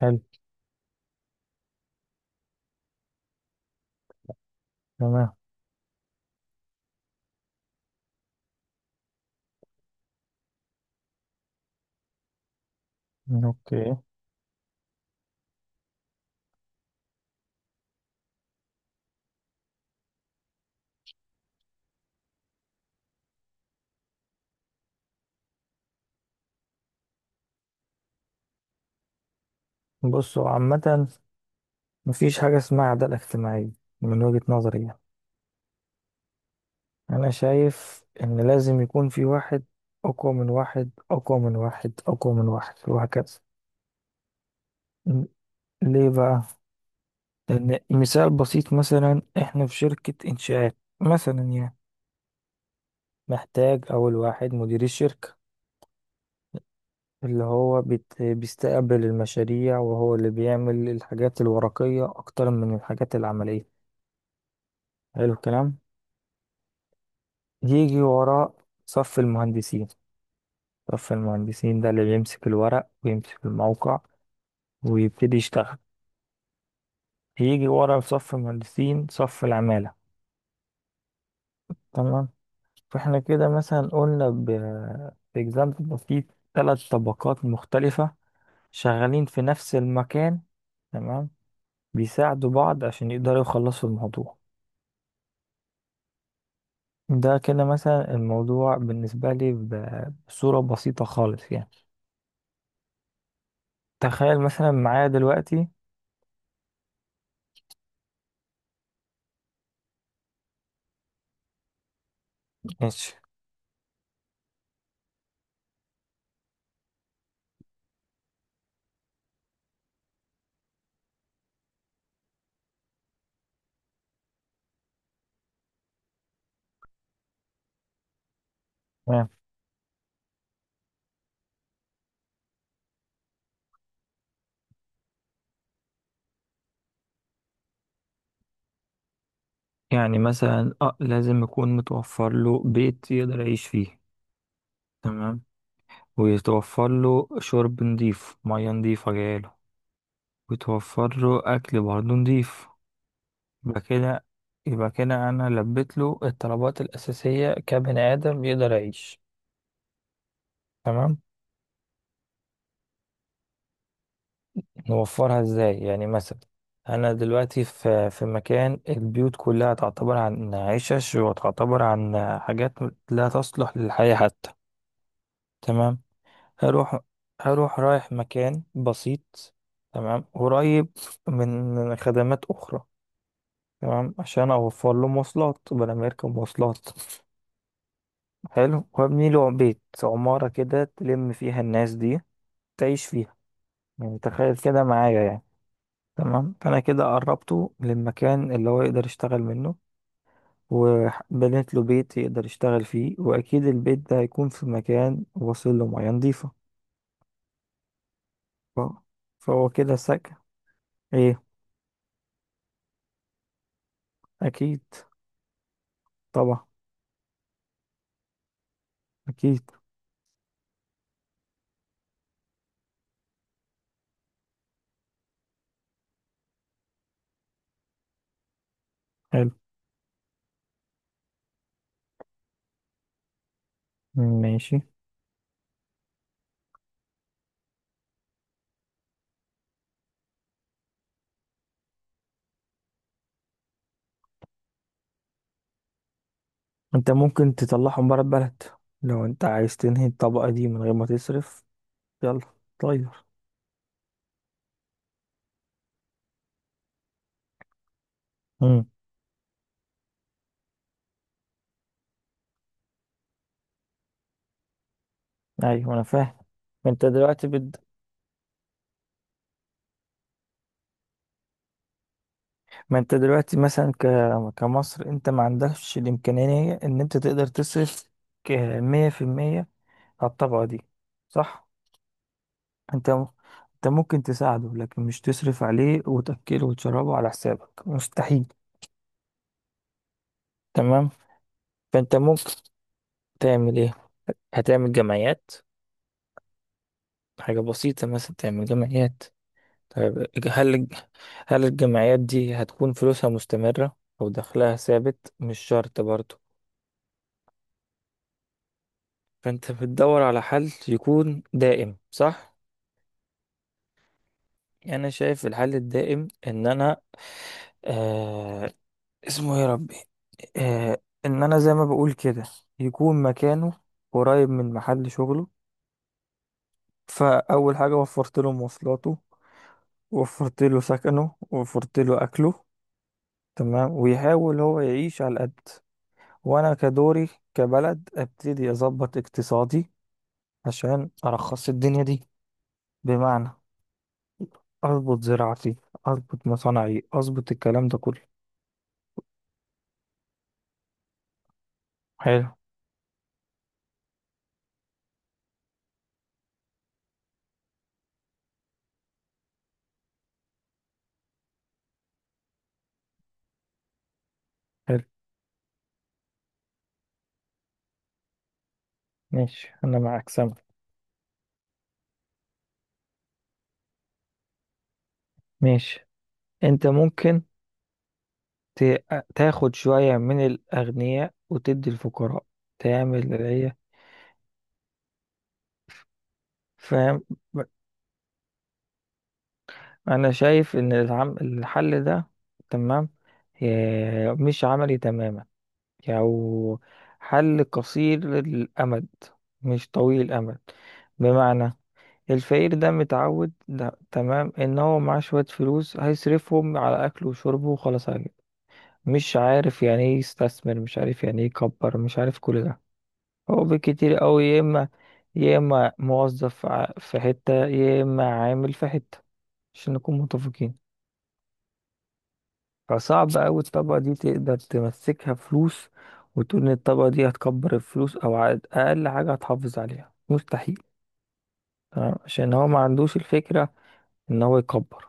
حلو. تمام. اوكي. بصوا عامة، مفيش حاجة اسمها عدالة اجتماعية من وجهة نظري يعني. أنا شايف إن لازم يكون في واحد أقوى من واحد أقوى من واحد أقوى من واحد وهكذا. م- ليه بقى؟ لأن مثال بسيط، مثلا إحنا في شركة إنشاءات مثلا يعني. محتاج أول واحد مدير الشركة، اللي هو بيستقبل المشاريع، وهو اللي بيعمل الحاجات الورقية أكتر من الحاجات العملية. حلو الكلام. يجي وراء صف المهندسين. صف المهندسين ده اللي بيمسك الورق ويمسك الموقع ويبتدي يشتغل. يجي ورا في صف المهندسين صف العمالة. تمام. فاحنا كده مثلا قلنا ب اكزامبل ده في ثلاث طبقات مختلفة شغالين في نفس المكان. تمام. بيساعدوا بعض عشان يقدروا يخلصوا الموضوع. ده كده مثلا الموضوع بالنسبة لي بصورة بسيطة خالص يعني. تخيل مثلا معايا دلوقتي. ماشي. يعني مثلا اه لازم يكون متوفر له بيت يقدر يعيش فيه. تمام. ويتوفر له شرب نضيف، مياه نضيفة جايله. ويتوفر له أكل برضه نضيف. يبقى كده. أنا لبيت له الطلبات الأساسية كبني آدم يقدر يعيش. تمام. نوفرها ازاي يعني مثلا؟ أنا دلوقتي في مكان البيوت كلها تعتبر عن عشش، وتعتبر عن حاجات لا تصلح للحياة حتى. تمام. هروح هروح رايح مكان بسيط، تمام، قريب من خدمات أخرى، تمام، عشان أوفر له مواصلات بدل ما يركب مواصلات. حلو. وابني له بيت، عمارة كده، تلم فيها الناس دي تعيش فيها. يعني تخيل كده معايا يعني. تمام. فأنا كده قربته للمكان اللي هو يقدر يشتغل منه، وبنيت له بيت يقدر يشتغل فيه، وأكيد البيت ده هيكون في مكان واصل له مياه نضيفة. ف- فهو كده سكن. إيه؟ أكيد. طبعا. اكيد. حلو. ماشي. انت ممكن تطلعهم بره البلد. لو انت عايز تنهي الطبقة دي من غير ما تصرف، يلا طير. امم. ايوه انا فاهم. ما انت دلوقتي بد... ما انت دلوقتي مثلا ك... كمصر، انت ما عندكش الامكانية ان انت تقدر تصرف ك- 100% على الطبقة دي، صح؟ انت م... انت ممكن تساعده لكن مش تصرف عليه وتأكله وتشربه على حسابك. مستحيل. تمام. فانت ممكن تعمل ايه؟ هتعمل جمعيات. حاجة بسيطة، مثلا تعمل جمعيات. طيب، هل الج- هل الجمعيات دي هتكون فلوسها مستمرة أو دخلها ثابت؟ مش شرط برضو. فأنت بتدور على حل يكون دائم، صح؟ يعني أنا شايف الحل الدائم إن أنا آه اسمه إيه يا ربي. آه، إن أنا زي ما بقول كده يكون مكانه قريب من محل شغله. فأول حاجة وفرت له مواصلاته، وفرت له سكنه، وفرت له أكله. تمام. ويحاول هو يعيش على قد، وانا كدوري كبلد ابتدي اظبط اقتصادي عشان ارخص الدنيا دي. بمعنى اظبط زراعتي، اظبط مصانعي، اظبط الكلام ده كله. حلو. حلو. ماشي انا معاك سامع. ماشي. انت ممكن ت- تاخد شوية من الاغنياء وتدي الفقراء، تعمل اللي هي. فاهم. انا شايف ان الحل ده، تمام، إيه، مش عملي تماما. أو حل قصير الأمد مش طويل الأمد. بمعنى الفقير ده متعود، ده تمام، إن هو معاه شوية فلوس هيصرفهم على أكله وشربه وخلاص على كده. مش عارف يعني إيه يستثمر، مش عارف يعني إيه يكبر، مش عارف كل ده. هو بالكتير أوي يا إما، يا إما موظف في حتة، يا إما عامل في حتة، عشان نكون متفقين. فصعب أوي الطبقة دي تقدر تمسكها فلوس، وتقول إن الطبقة دي هتكبر الفلوس أو على أقل حاجة هتحافظ عليها. مستحيل. تمام. عشان هو ما عندوش الفكرة إن هو يكبر.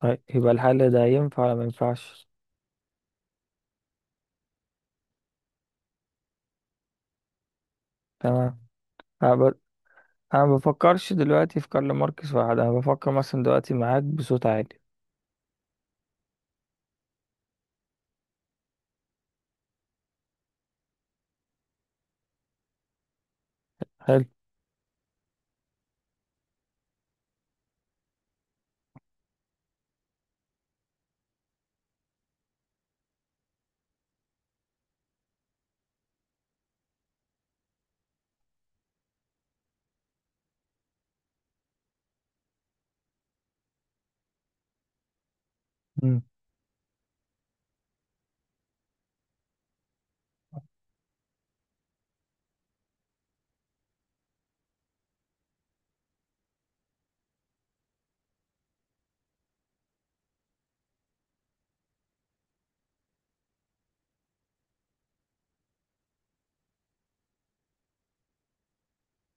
طيب يبقى الحل ده ينفع ولا ما ينفعش؟ تمام. أنا ب- أنا ما بفكرش دلوقتي في كارل ماركس واحد، أنا بفكر مثلا دلوقتي معاك بصوت عالي. حلو. مم.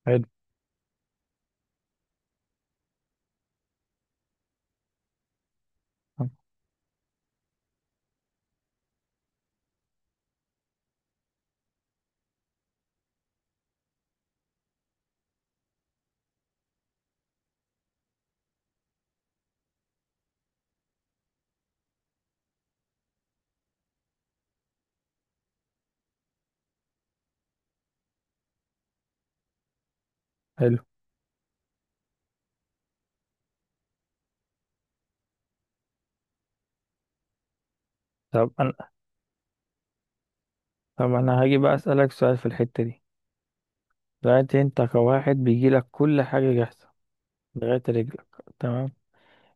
حلو. حلو. طب أنا طب أنا هاجي بقى أسألك سؤال في الحتة دي. دلوقتي أنت كواحد بيجيلك كل حاجة جاهزة لغاية رجلك، تمام،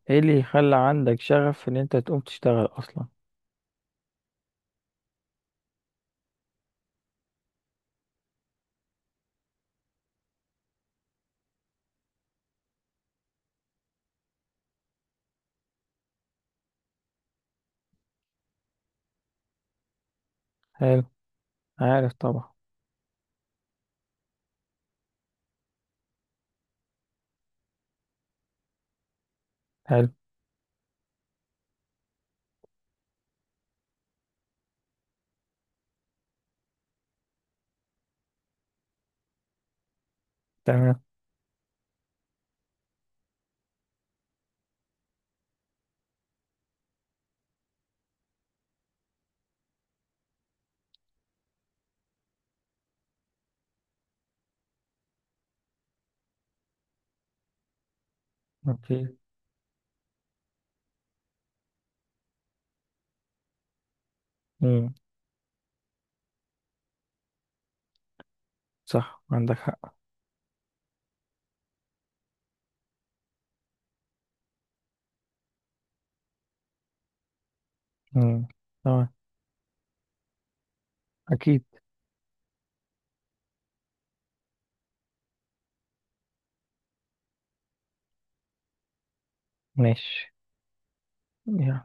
ايه اللي يخلى عندك شغف ان انت تقوم تشتغل اصلا؟ حلو. عارف طبعا. حلو. تمام. اوكي. امم. صح عندك حق. امم. تمام. اكيد. ماشي. يلا.